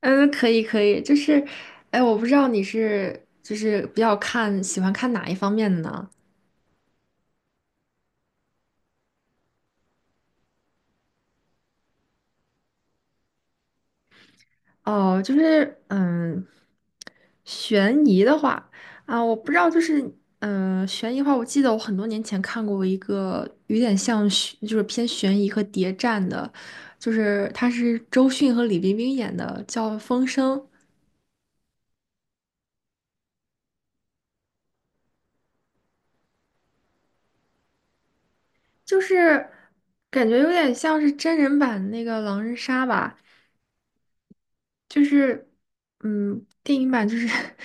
嗯，可以可以，就是，哎，我不知道你是就是比较看喜欢看哪一方面的呢？哦，就是悬疑的话啊，我不知道，就是悬疑的话，我记得我很多年前看过一个有点像就是偏悬疑和谍战的，就是他是周迅和李冰冰演的，叫《风声》，就是感觉有点像是真人版那个狼人杀吧。就是，电影版就是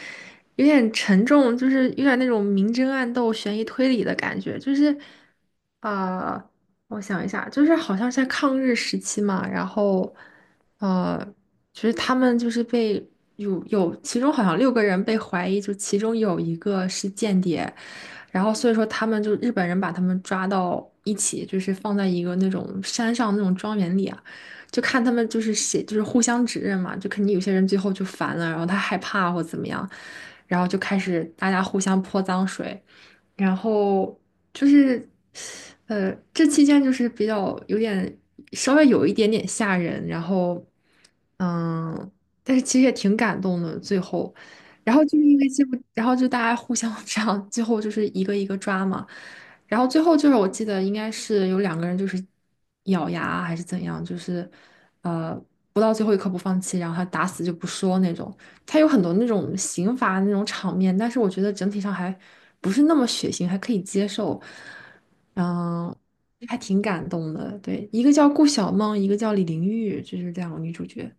有点沉重，就是有点那种明争暗斗、悬疑推理的感觉。就是，呃，我想一下，就是好像是在抗日时期嘛，然后，呃，就是他们就是有其中好像六个人被怀疑，就其中有一个是间谍，然后所以说他们就日本人把他们抓到一起，就是放在一个那种山上那种庄园里啊。就看他们就是写，就是互相指认嘛，就肯定有些人最后就烦了，然后他害怕或怎么样，然后就开始大家互相泼脏水，然后就是，这期间就是比较有点稍微有一点点吓人，然后，嗯，但是其实也挺感动的，最后，然后就是因为这部，然后就大家互相 这样，最后就是一个一个抓嘛。然后最后就是我记得应该是有两个人就是咬牙啊还是怎样，就是呃不到最后一刻不放弃，然后他打死就不说那种。他有很多那种刑罚那种场面，但是我觉得整体上还不是那么血腥，还可以接受。嗯，还挺感动的。对，一个叫顾晓梦，一个叫李玲玉，就是两个女主角。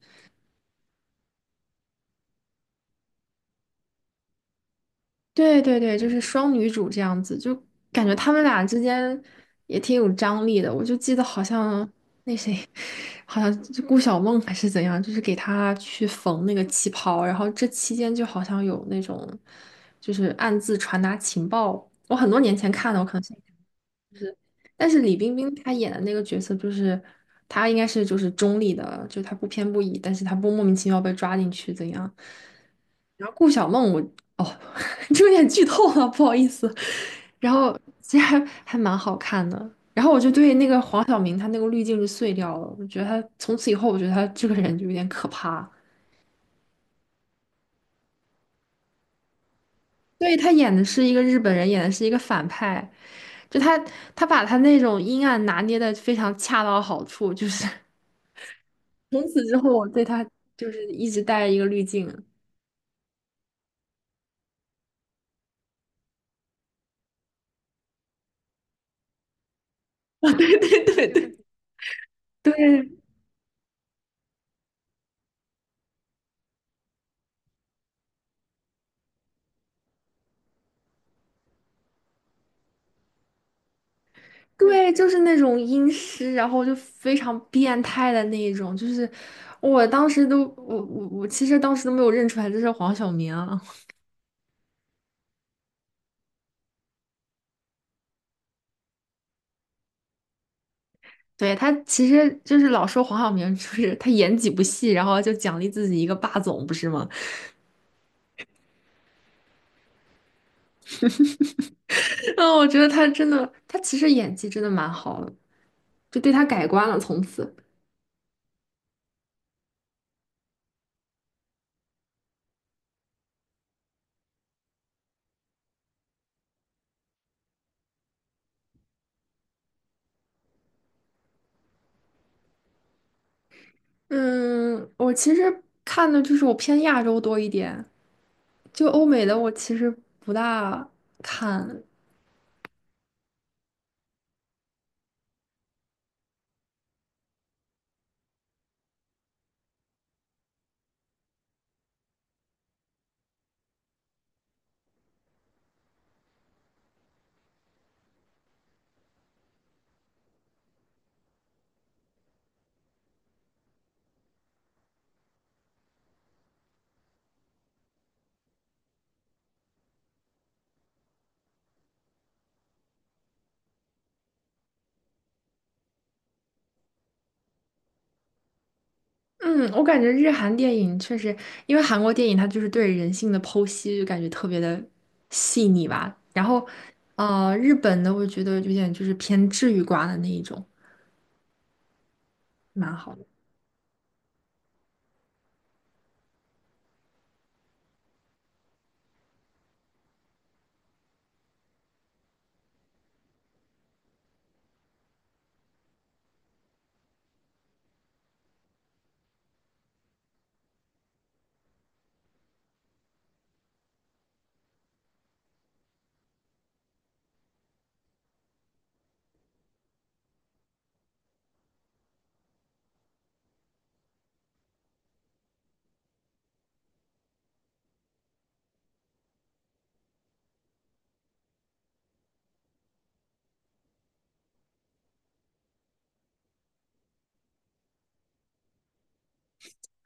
对对对，就是双女主这样子，就感觉他们俩之间也挺有张力的。我就记得好像那谁，好像就顾晓梦还是怎样，就是给她去缝那个旗袍，然后这期间就好像有那种就是暗自传达情报。我很多年前看的，我可能现但是李冰冰她演的那个角色，就是她应该是就是中立的，就她不偏不倚，但是她不莫名其妙被抓进去怎样？然后顾小梦我，哦，这有点剧透了，不好意思。然后其实还蛮好看的。然后我就对那个黄晓明他那个滤镜就碎掉了，我觉得他从此以后，我觉得他这个人就有点可怕。对，他演的是一个日本人，演的是一个反派，就他把他那种阴暗拿捏的非常恰到好处，就是。从此之后，我对他就是一直戴一个滤镜。啊，对对对对，对对，就是那种阴湿，然后就非常变态的那一种，就是我当时都我其实当时都没有认出来这是黄晓明啊 对他其实就是老说黄晓明就是他演几部戏，然后就奖励自己一个霸总，不是吗？嗯，我觉得他真的，他其实演技真的蛮好的，就对他改观了，从此。嗯，我其实看的就是我偏亚洲多一点，就欧美的我其实不大看，嗯，我感觉日韩电影确实，因为韩国电影它就是对人性的剖析，就感觉特别的细腻吧。然后，日本的我觉得有点就是偏治愈挂的那一种，蛮好。的。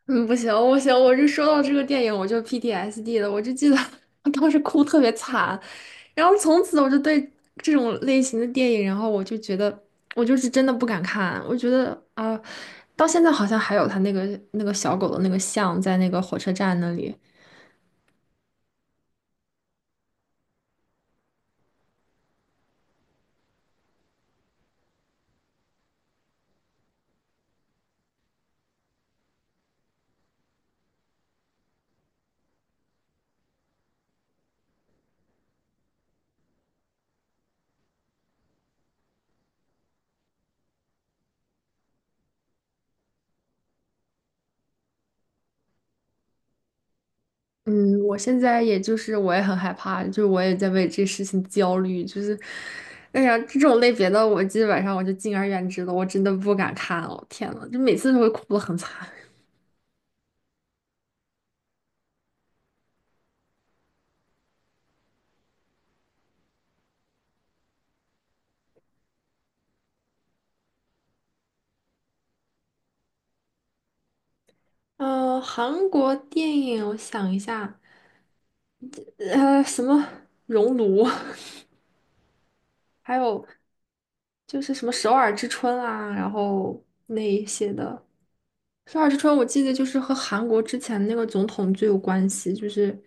嗯，不行，不行，我就说到这个电影，我就 PTSD 了，我就记得 我当时哭特别惨，然后从此我就对这种类型的电影，然后我就觉得我就是真的不敢看，我觉得啊、到现在好像还有他那个那个小狗的那个像在那个火车站那里，嗯，我现在也就是我也很害怕，就是我也在为这事情焦虑，就是，哎呀，这种类别的我基本上我就敬而远之了，我真的不敢看哦，天呐，就每次都会哭得很惨。韩国电影，我想一下，什么《熔炉》，还有就是什么《首尔之春》啊，然后那一些的。《首尔之春》我记得就是和韩国之前那个总统最有关系，就是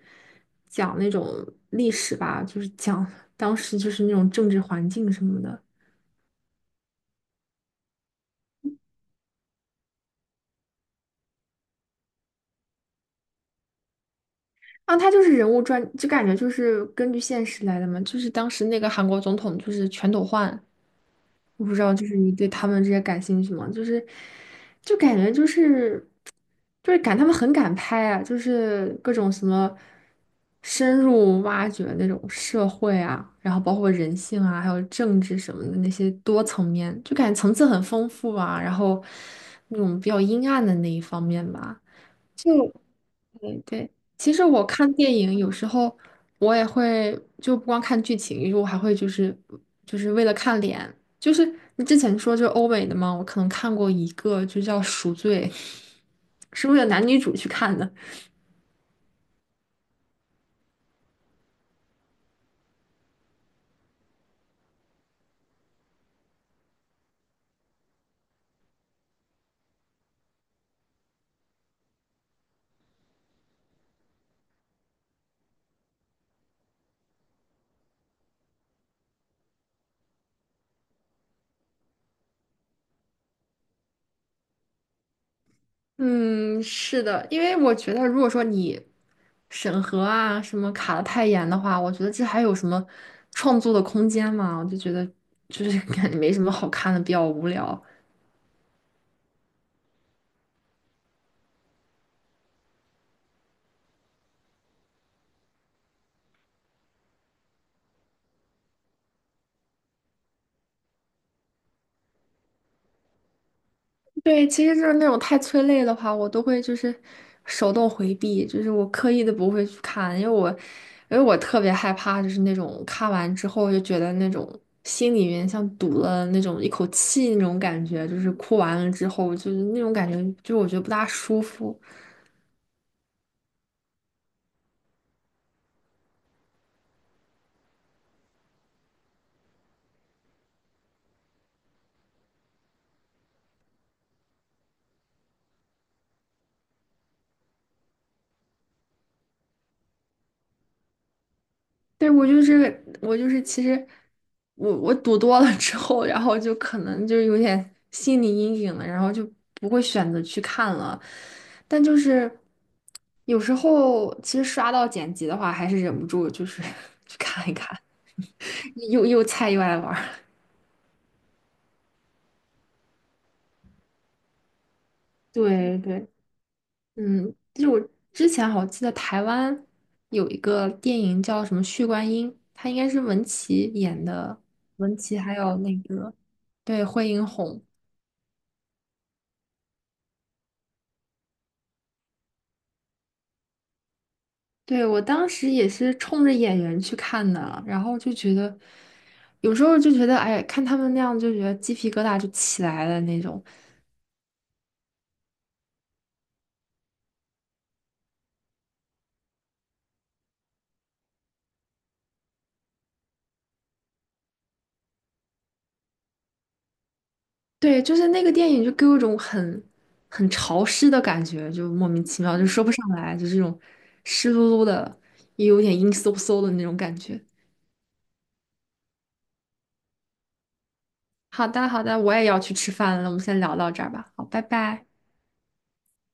讲那种历史吧，就是讲当时就是那种政治环境什么的。啊，他就是人物传，就感觉就是根据现实来的嘛，就是当时那个韩国总统就是全斗焕。我不知道，就是你对他们这些感兴趣吗？就是，就感觉就是，就是感他们很敢拍啊，就是各种什么深入挖掘那种社会啊，然后包括人性啊，还有政治什么的那些多层面，就感觉层次很丰富啊，然后那种比较阴暗的那一方面吧。就。对对，其实我看电影有时候我也会就不光看剧情，我还会就是就是为了看脸，就是你之前说就是欧美的嘛，我可能看过一个就叫《赎罪》，是为了男女主去看的。嗯，是的，因为我觉得如果说你审核啊什么卡的太严的话，我觉得这还有什么创作的空间嘛？我就觉得就是感觉没什么好看的，比较无聊。对，其实就是那种太催泪的话，我都会就是手动回避，就是我刻意的不会去看，因为我因为我特别害怕，就是那种看完之后就觉得那种心里面像堵了那种一口气那种感觉，就是哭完了之后就是那种感觉，就是我觉得不大舒服。对，我就是我就是，其实我赌多了之后，然后就可能就有点心理阴影了，然后就不会选择去看了。但就是有时候其实刷到剪辑的话，还是忍不住就是 去看一看，又菜又爱玩儿 对对，嗯，就是我之前好像记得台湾有一个电影叫什么《血观音》，它应该是文淇演的，文淇还有那个对惠英红。对，我当时也是冲着演员去看的，然后就觉得，有时候就觉得，哎，看他们那样就觉得鸡皮疙瘩就起来了那种。对，就是那个电影就给我一种很很潮湿的感觉，就莫名其妙，就说不上来，就是这种湿漉漉的，也有点阴飕飕的那种感觉。好的，好的，我也要去吃饭了，我们先聊到这儿吧。好，拜拜。